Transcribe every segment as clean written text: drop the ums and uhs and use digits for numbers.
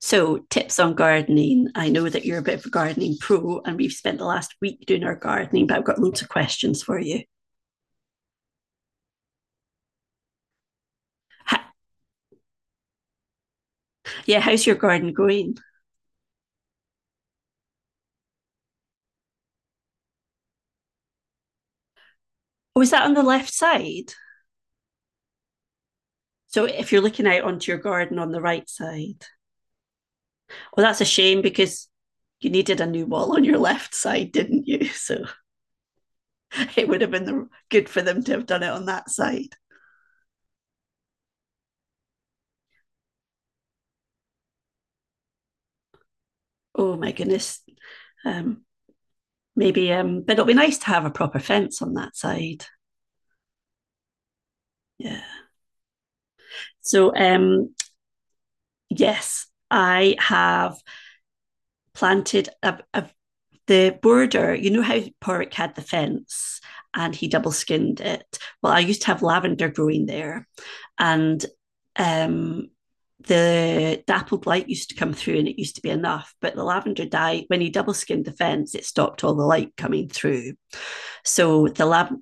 So, tips on gardening. I know that you're a bit of a gardening pro, and we've spent the last week doing our gardening, but I've got loads of questions for you. Ha- yeah, how's your garden going? Oh, is that on the left side? So, if you're looking out onto your garden on the right side, well, that's a shame because you needed a new wall on your left side, didn't you? So, it would have been good for them to have done it on that side. Oh, my goodness. Um, Maybe, but it'll be nice to have a proper fence on that side. Yeah. So, yes, I have planted the border. You know how Porrick had the fence and he double skinned it? Well, I used to have lavender growing there. And um, the dappled light used to come through and it used to be enough, but the lavender died when he double skinned the fence, it stopped all the light coming through. So the lav-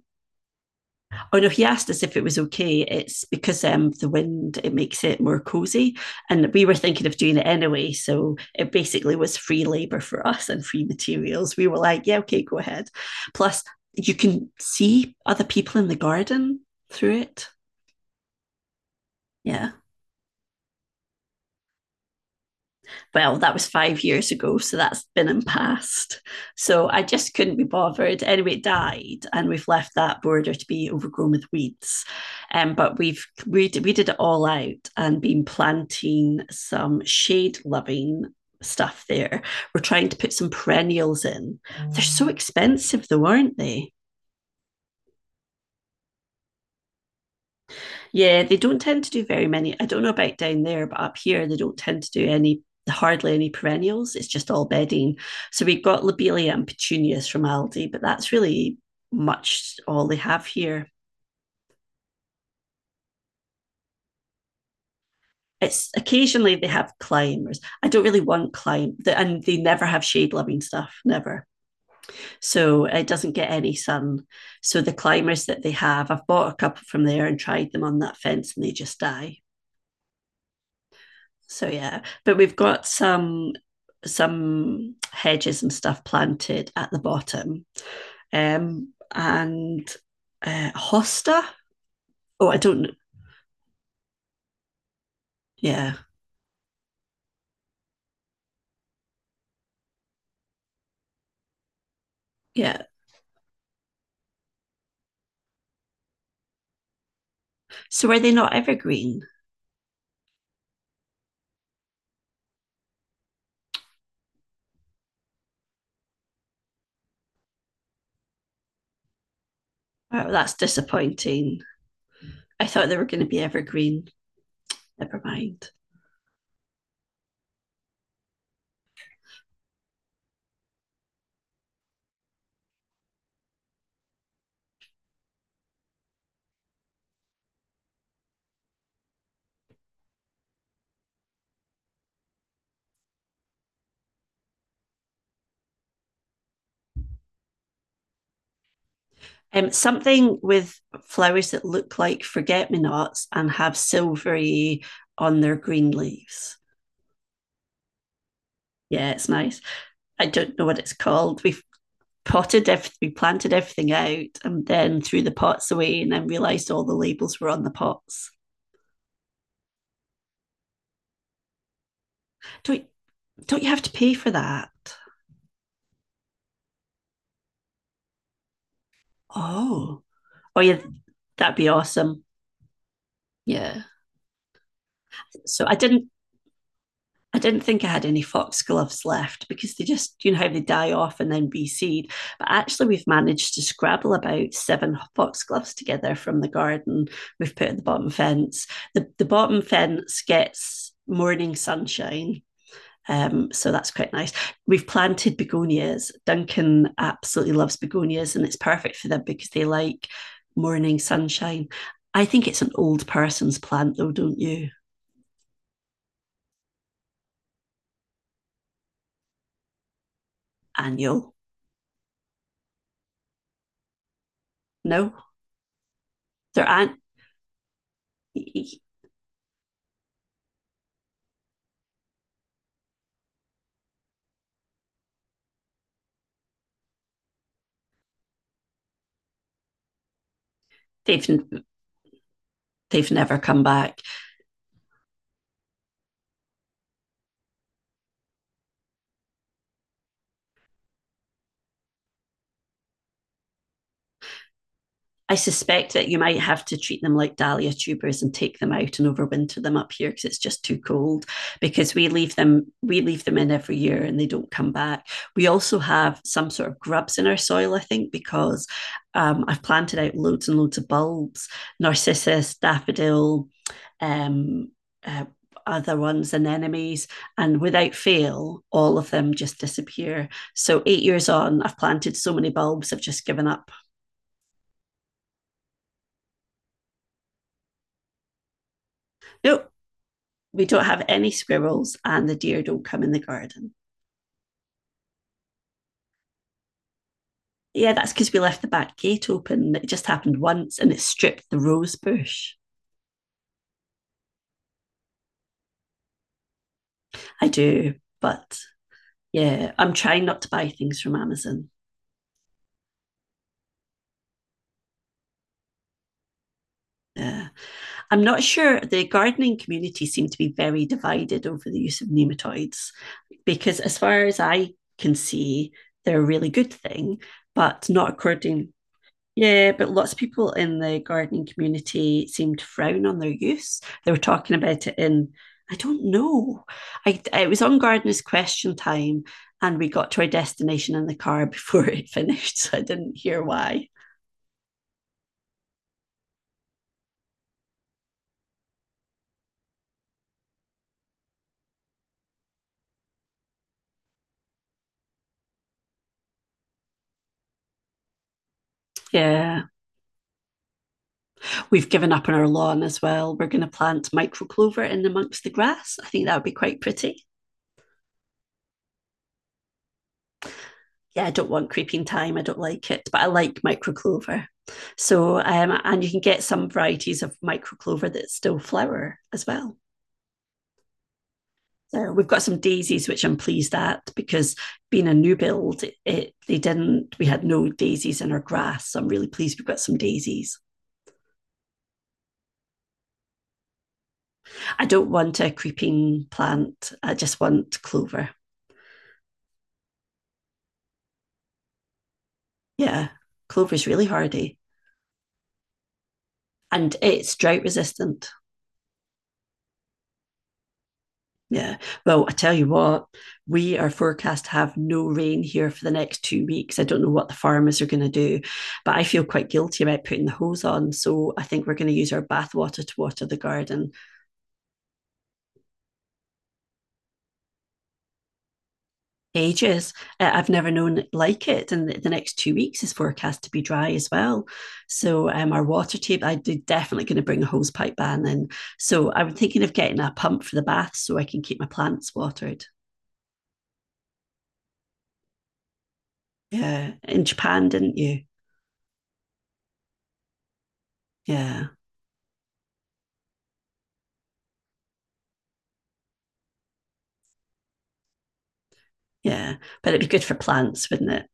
Oh no, he asked us if it was okay. It's because the wind it makes it more cozy, and we were thinking of doing it anyway. So it basically was free labor for us and free materials. We were like, yeah, okay, go ahead. Plus, you can see other people in the garden through it. Yeah, well, that was 5 years ago, so that's been and past. So I just couldn't be bothered. Anyway, it died, and we've left that border to be overgrown with weeds. But we did it all out and been planting some shade loving stuff there. We're trying to put some perennials in. Mm. They're so expensive, though, aren't they? Yeah, they don't tend to do very many. I don't know about down there, but up here they don't tend to do any hardly any perennials. It's just all bedding. So we've got lobelia and petunias from Aldi, but that's really much all they have here. It's occasionally they have climbers. I don't really want and they never have shade loving stuff, never. So it doesn't get any sun. So the climbers that they have, I've bought a couple from there and tried them on that fence, and they just die. So yeah, but we've got some hedges and stuff planted at the bottom. And hosta. Oh, I don't. Yeah, yeah. So were they not evergreen? Oh, that's disappointing. I thought they were going to be evergreen. Never mind. Something with flowers that look like forget me nots and have silvery on their green leaves. Yeah, it's nice. I don't know what it's called. We've potted everything, we planted everything out, and then threw the pots away, and then realised all the labels were on the pots. Don't don't you have to pay for that? Oh, oh yeah, that'd be awesome. Yeah. So I didn't think I had any foxgloves left because they just, you know, how they die off and then reseed. But actually, we've managed to scrabble about seven foxgloves together from the garden we've put at the bottom fence. The bottom fence gets morning sunshine. So that's quite nice. We've planted begonias. Duncan absolutely loves begonias, and it's perfect for them because they like morning sunshine. I think it's an old person's plant, though, don't you? Annual? No, there aren't. They've they've never come back. I suspect that you might have to treat them like dahlia tubers and take them out and overwinter them up here because it's just too cold. Because we leave them in every year and they don't come back. We also have some sort of grubs in our soil, I think, because I've planted out loads and loads of bulbs, narcissus, daffodil, um, uh, other ones, anemones. And without fail, all of them just disappear. So, 8 years on, I've planted so many bulbs, I've just given up. Nope, we don't have any squirrels, and the deer don't come in the garden. Yeah, that's because we left the back gate open. It just happened once and it stripped the rose bush. I do, but yeah, I'm trying not to buy things from Amazon. Yeah. I'm not sure. The gardening community seem to be very divided over the use of nematoids because, as far as I can see, they're a really good thing, but not according. Yeah, but lots of people in the gardening community seem to frown on their use. They were talking about it in, I don't know. I It was on gardeners' question time, and we got to our destination in the car before it finished, so I didn't hear why. Yeah, we've given up on our lawn as well. We're going to plant micro clover in amongst the grass. I think that would be quite pretty. Yeah, I don't want creeping thyme. I don't like it, but I like micro clover. So, and you can get some varieties of micro clover that still flower as well. So we've got some daisies, which I'm pleased at because being a new build, it they didn't, we had no daisies in our grass. So I'm really pleased we've got some daisies. I don't want a creeping plant. I just want clover. Yeah, clover is really hardy and it's drought resistant. Yeah. Well, I tell you what, we are forecast to have no rain here for the next 2 weeks. I don't know what the farmers are going to do, but I feel quite guilty about putting the hose on. So I think we're going to use our bathwater to water the garden. Ages. I've never known it like it. And the next 2 weeks is forecast to be dry as well. So our water table, I'm definitely going to bring a hose pipe ban in. So I'm thinking of getting a pump for the bath so I can keep my plants watered. Yeah. In Japan, didn't you? Yeah. Yeah, but it'd be good for plants, wouldn't it?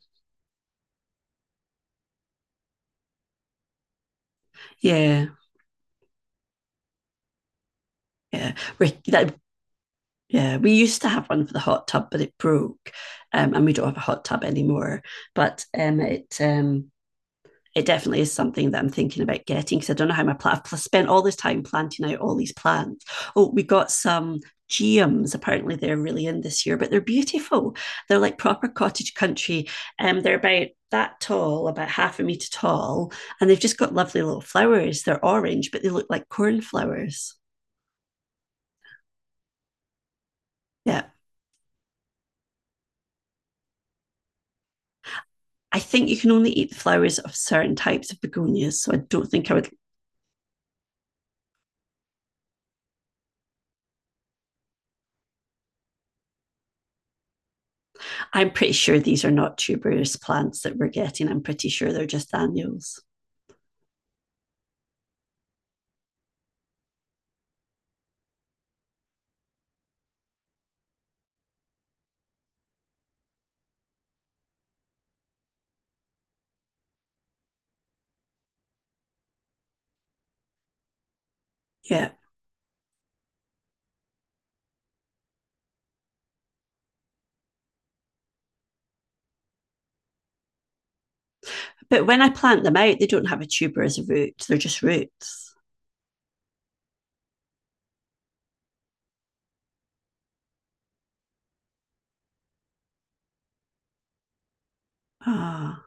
Yeah, yeah. Yeah, we used to have one for the hot tub, but it broke, and we don't have a hot tub anymore. But it definitely is something that I'm thinking about getting because I don't know how my plant. I've spent all this time planting out all these plants. Oh, we got some geums. Apparently, they're really in this year, but they're beautiful. They're like proper cottage country. They're about that tall, about half a meter tall, and they've just got lovely little flowers. They're orange, but they look like cornflowers. Yeah. I think you can only eat the flowers of certain types of begonias. So I don't think I would. I'm pretty sure these are not tuberous plants that we're getting. I'm pretty sure they're just annuals. Yeah. But when I plant them out, they don't have a tuber as a root. They're just roots. Ah.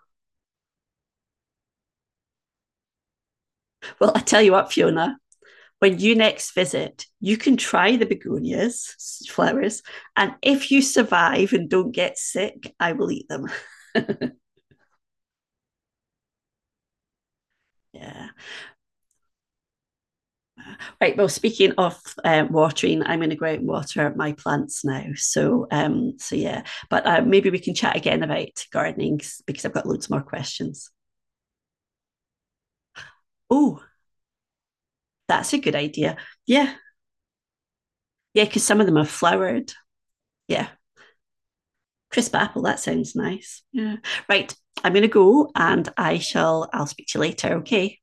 Well, I tell you what, Fiona, when you next visit, you can try the begonias, flowers, and if you survive and don't get sick, I will eat them. Yeah. Right. Well, speaking of watering, I'm going to go out and water my plants now. So yeah. But maybe we can chat again about gardening because I've got loads more questions. Oh, that's a good idea. Yeah, yeah, because some of them are flowered. Yeah. Crisp apple, that sounds nice. Yeah. Right. I'm gonna go and I'll speak to you later, okay?